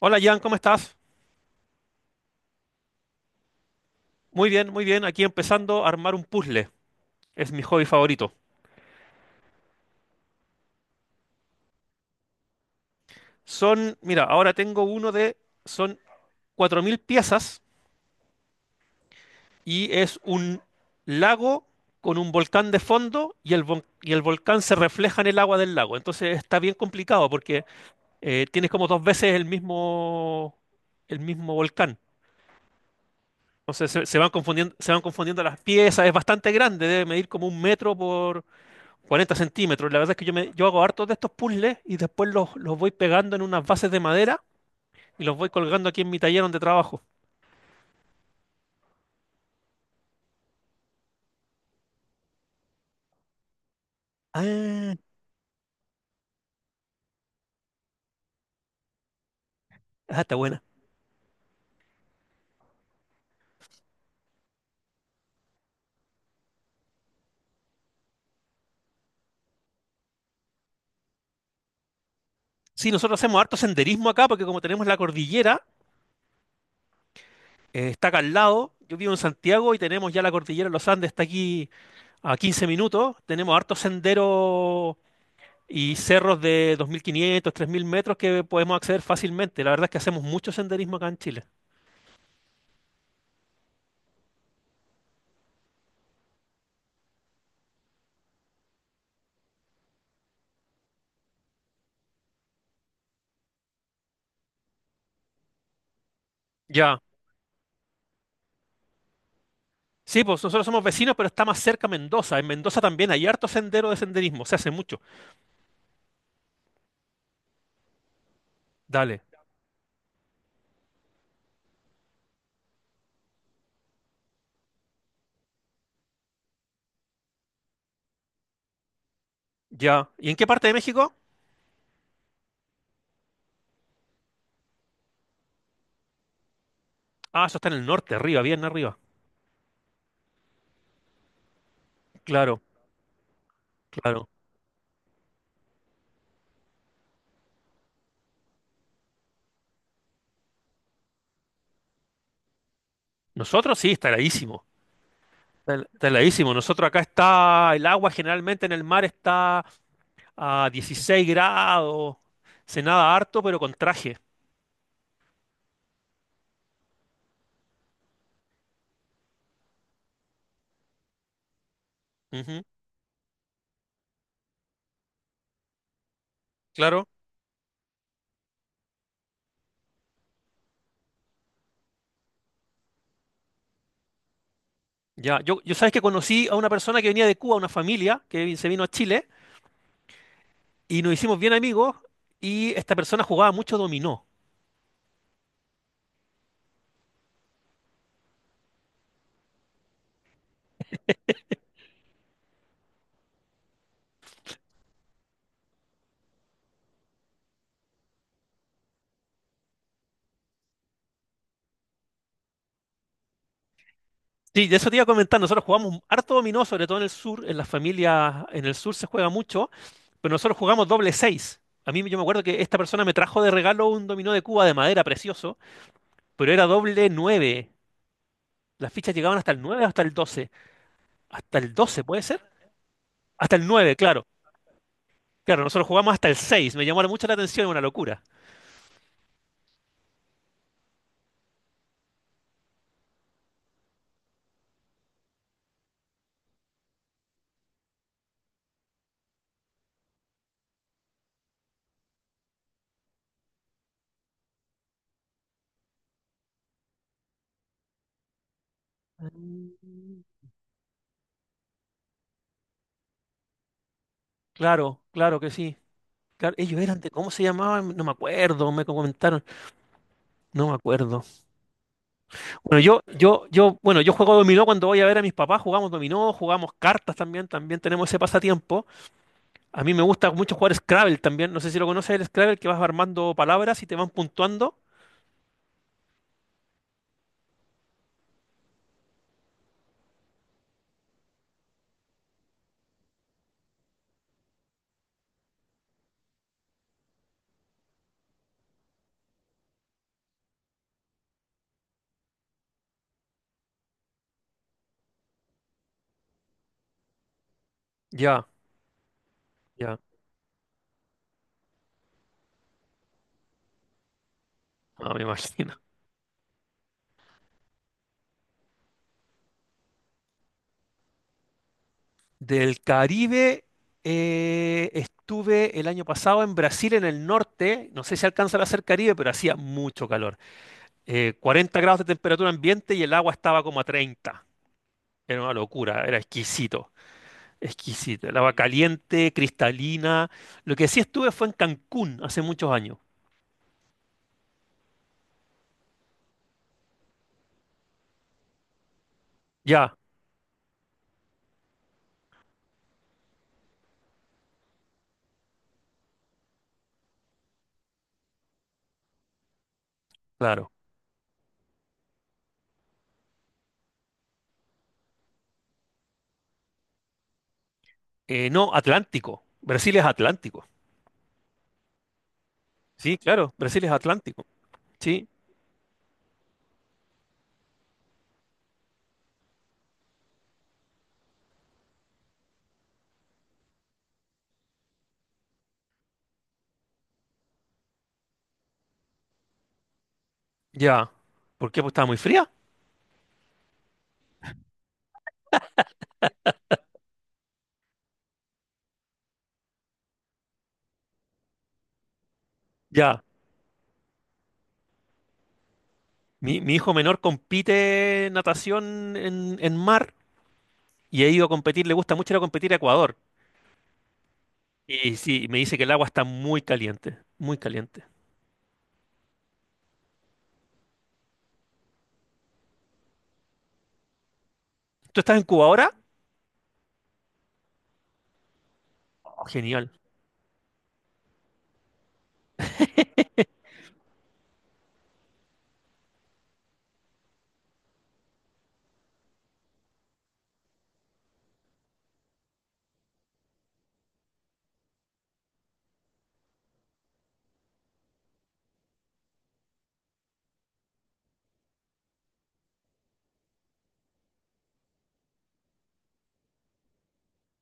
Hola Jan, ¿cómo estás? Muy bien, muy bien. Aquí empezando a armar un puzzle. Es mi hobby favorito. Son, mira, ahora tengo uno de, son 4000 piezas y es un lago con un volcán de fondo y el volcán se refleja en el agua del lago. Entonces está bien complicado porque tienes como dos veces el mismo volcán. Entonces se van confundiendo, se van confundiendo las piezas. Es bastante grande, debe medir como un metro cuarenta centímetros. La verdad es que yo hago hartos de estos puzzles y después los voy pegando en unas bases de madera y los voy colgando aquí en mi taller donde trabajo. Ah, ah, está buena. Sí, nosotros hacemos harto senderismo acá porque como tenemos la cordillera, está acá al lado. Yo vivo en Santiago y tenemos ya la cordillera de los Andes, está aquí a 15 minutos. Tenemos hartos senderos y cerros de 2500, 3000 metros que podemos acceder fácilmente. La verdad es que hacemos mucho senderismo acá en Chile. Ya. Sí, pues nosotros somos vecinos, pero está más cerca Mendoza. En Mendoza también hay harto sendero de senderismo, se hace mucho. Dale, ya. ¿Y en qué parte de México? Ah, eso está en el norte, arriba, bien arriba. Claro, claro. Nosotros sí, está heladísimo. Está heladísimo. Nosotros acá está el agua generalmente en el mar está a 16 grados. Se nada harto, pero con traje. Ujú, claro. Ya, yo sabes que conocí a una persona que venía de Cuba, una familia se vino a Chile, y nos hicimos bien amigos, y esta persona jugaba mucho dominó. Sí, de eso te iba a comentar. Nosotros jugamos harto dominó, sobre todo en el sur. En las familias, en el sur se juega mucho, pero nosotros jugamos doble seis. A mí yo me acuerdo que esta persona me trajo de regalo un dominó de Cuba de madera precioso, pero era doble nueve. Las fichas llegaban hasta el nueve o hasta el doce. Hasta el doce, ¿puede ser? Hasta el nueve, claro. Claro, nosotros jugamos hasta el seis. Me llamó mucho la atención, una locura. Mm. Claro, claro que sí. Claro, ellos eran de, ¿cómo se llamaban? No me acuerdo, me comentaron. No me acuerdo. Bueno, yo juego dominó cuando voy a ver a mis papás, jugamos dominó, jugamos cartas también, también tenemos ese pasatiempo. A mí me gusta mucho jugar Scrabble también, no sé si lo conoces el Scrabble, que vas armando palabras y te van puntuando. Ya, ya, no me imagino. Del Caribe, estuve el año pasado en Brasil, en el norte, no sé si alcanza a ser Caribe, pero hacía mucho calor. 40 grados de temperatura ambiente y el agua estaba como a 30. Era una locura, era exquisito. Exquisita, el agua caliente, cristalina. Lo que sí estuve fue en Cancún hace muchos años. Ya, claro. No, Atlántico. Brasil es Atlántico. Sí, claro, Brasil es Atlántico. Sí, ya. ¿Por qué? Pues estaba muy fría. Ya. Mi hijo menor compite natación en mar y ha ido a competir, le gusta mucho ir a competir a Ecuador. Y sí, me dice que el agua está muy caliente, muy caliente. ¿Tú estás en Cuba ahora? Oh, genial.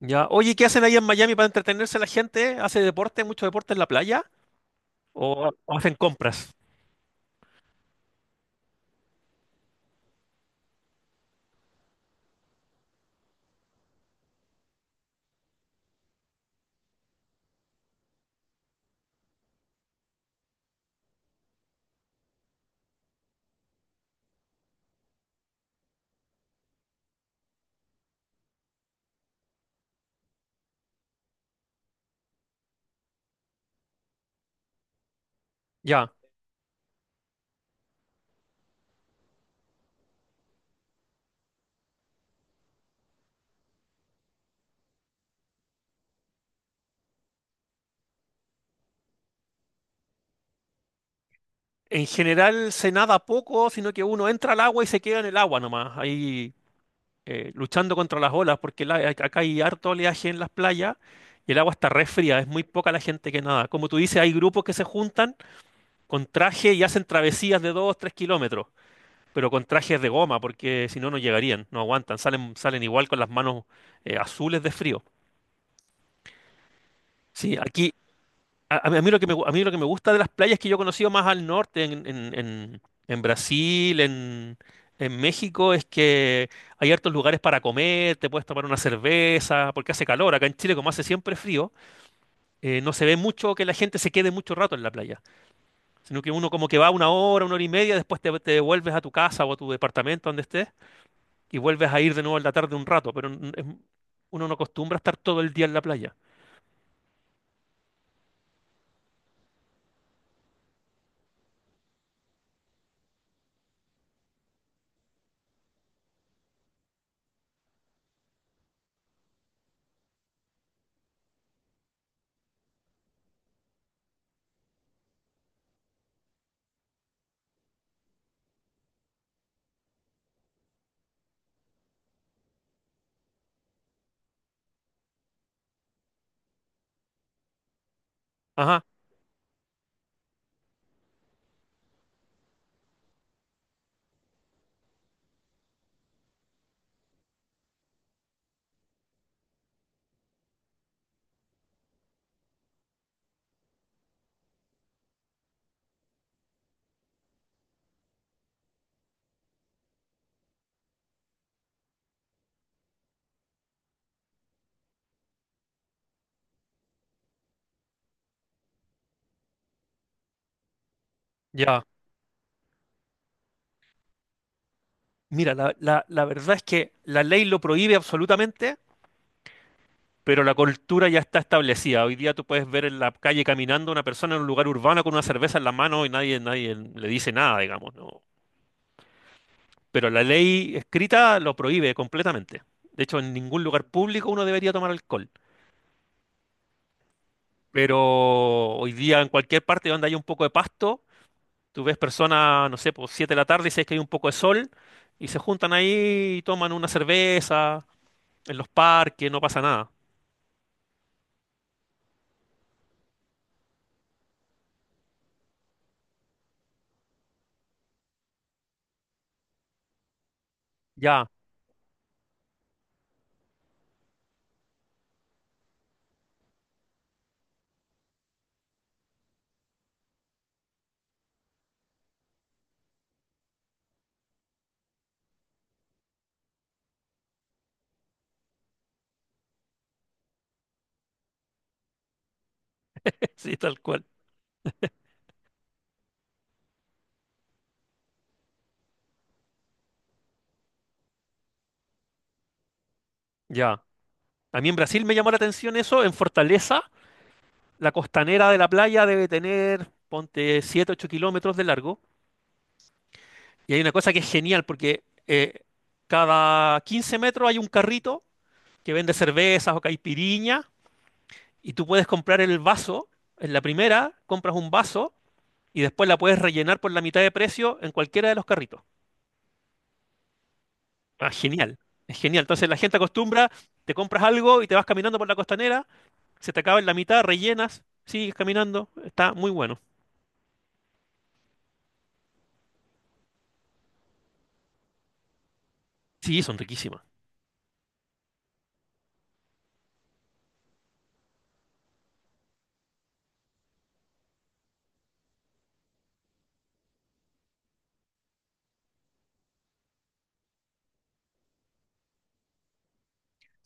Ya. Oye, ¿qué hacen ahí en Miami para entretenerse la gente? ¿Hace deporte, mucho deporte en la playa? ¿O hacen compras? Ya. En general se nada poco, sino que uno entra al agua y se queda en el agua nomás, ahí luchando contra las olas, porque acá hay harto oleaje en las playas y el agua está re fría, es muy poca la gente que nada. Como tú dices, hay grupos que se juntan con traje y hacen travesías de 2, 3 kilómetros, pero con trajes de goma, porque si no, no llegarían, no aguantan, salen, salen igual con las manos azules de frío. Sí, aquí, A, a mí lo que me, gu- a mí lo que me gusta de las playas que yo he conocido más al norte, en Brasil, en México, es que hay hartos lugares para comer, te puedes tomar una cerveza, porque hace calor. Acá en Chile, como hace siempre frío, no se ve mucho que la gente se quede mucho rato en la playa, sino que uno como que va una hora y media, después te devuelves a tu casa o a tu departamento donde estés y vuelves a ir de nuevo en la tarde un rato, uno no acostumbra a estar todo el día en la playa. Ajá, ya. Mira, la verdad es que la ley lo prohíbe absolutamente, pero la cultura ya está establecida. Hoy día tú puedes ver en la calle caminando una persona en un lugar urbano con una cerveza en la mano y nadie, nadie le dice nada, digamos, ¿no? Pero la ley escrita lo prohíbe completamente. De hecho, en ningún lugar público uno debería tomar alcohol. Pero hoy día en cualquier parte donde haya un poco de pasto, tú ves personas, no sé, por 7 de la tarde y sabes que hay un poco de sol y se juntan ahí y toman una cerveza en los parques, no pasa nada. Ya, sí, tal cual. Ya. A mí en Brasil me llamó la atención eso. En Fortaleza, la costanera de la playa debe tener, ponte, 7, 8 kilómetros de largo. Y hay una cosa que es genial porque cada 15 metros hay un carrito que vende cervezas o caipiriña y tú puedes comprar el vaso. En la primera compras un vaso y después la puedes rellenar por la mitad de precio en cualquiera de los carritos. Ah, genial. Es genial. Entonces la gente acostumbra, te compras algo y te vas caminando por la costanera, se te acaba en la mitad, rellenas, sigues caminando, está muy bueno. Sí, son riquísimas.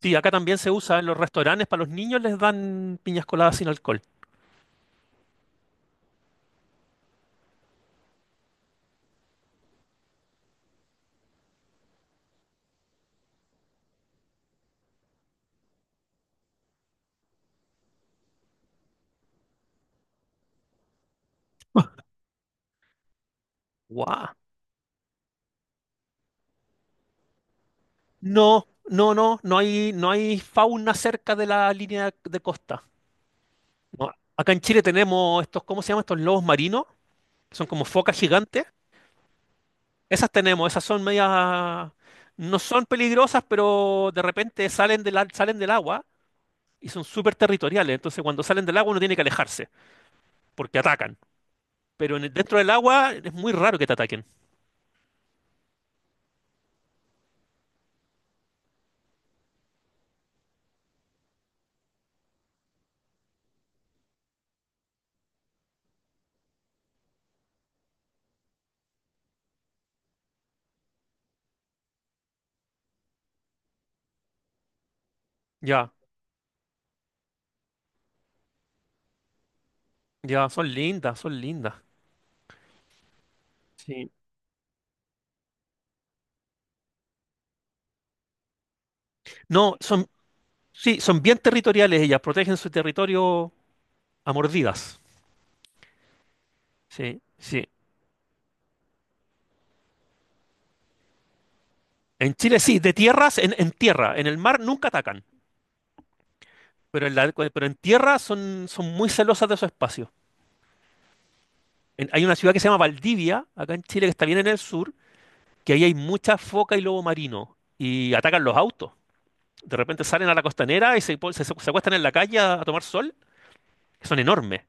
Sí, acá también se usa en los restaurantes, para los niños les dan piñas coladas sin alcohol. ¡Guau! No, no, no, no hay, no hay fauna cerca de la línea de costa. No, acá en Chile tenemos estos, ¿cómo se llaman estos lobos marinos? Que son como focas gigantes. Esas tenemos, esas son medias, no son peligrosas, pero de repente salen salen del agua y son súper territoriales. Entonces cuando salen del agua uno tiene que alejarse, porque atacan. Pero dentro del agua es muy raro que te ataquen. Ya, ya, son lindas, son lindas. Sí. No, son, sí, son bien territoriales ellas, protegen su territorio a mordidas. Sí, sí. En Chile sí, de tierras, en tierra, en el mar nunca atacan, pero en tierra son, son muy celosas de su espacio. Hay una ciudad que se llama Valdivia, acá en Chile, que está bien en el sur, que ahí hay mucha foca y lobo marino, y atacan los autos. De repente salen a la costanera y se acuestan en la calle a tomar sol, que son enormes.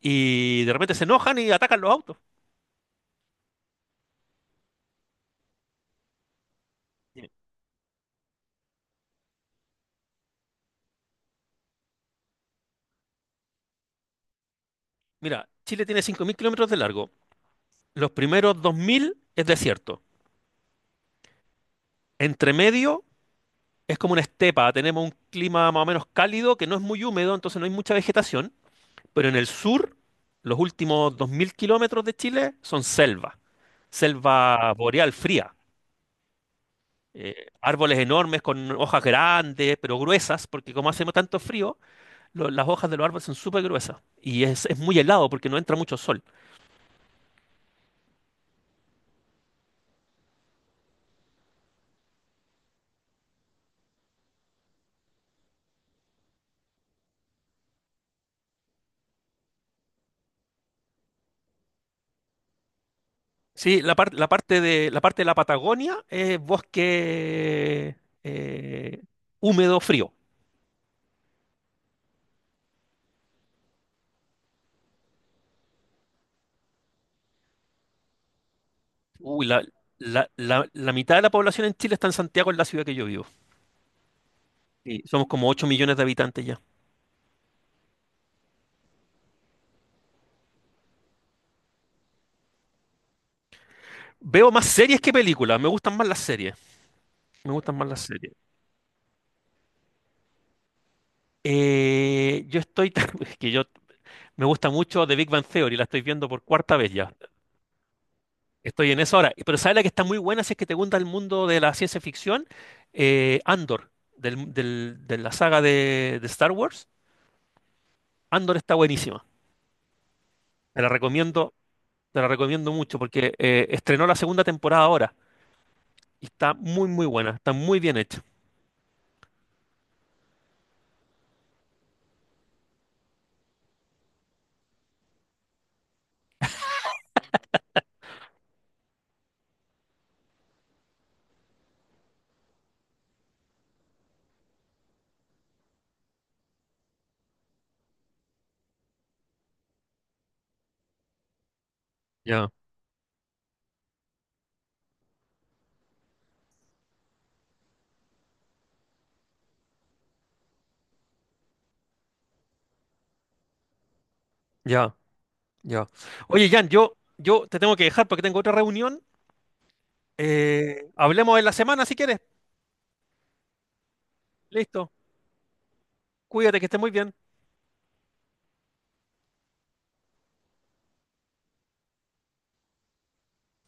Y de repente se enojan y atacan los autos. Sí. Mira, Chile tiene 5000 kilómetros de largo. Los primeros 2000 es desierto. Entre medio es como una estepa. Tenemos un clima más o menos cálido que no es muy húmedo, entonces no hay mucha vegetación. Pero en el sur, los últimos 2000 kilómetros de Chile son selva. Selva boreal fría. Árboles enormes con hojas grandes, pero gruesas, porque como hacemos tanto frío, las hojas de los árboles son súper gruesas. Y es muy helado porque no entra mucho sol. Sí, la parte de la Patagonia es bosque eh, húmedo frío. Uy, la mitad de la población en Chile está en Santiago, en la ciudad que yo vivo. Sí, somos como 8 millones de habitantes ya. Veo más series que películas, me gustan más las series. Me gustan más las series. Eh, yo estoy, es que yo me gusta mucho The Big Bang Theory, la estoy viendo por cuarta vez ya. Estoy en eso ahora. Pero ¿sabes la que está muy buena si es que te gusta el mundo de la ciencia ficción? Andor, de la saga de Star Wars. Andor está buenísima. Te la recomiendo, te la recomiendo mucho porque estrenó la segunda temporada ahora y está muy, muy buena. Está muy bien hecha. Ya, ya, ya. Oye, Jan, yo te tengo que dejar porque tengo otra reunión. Hablemos en la semana si quieres. Listo. Cuídate, que estés muy bien.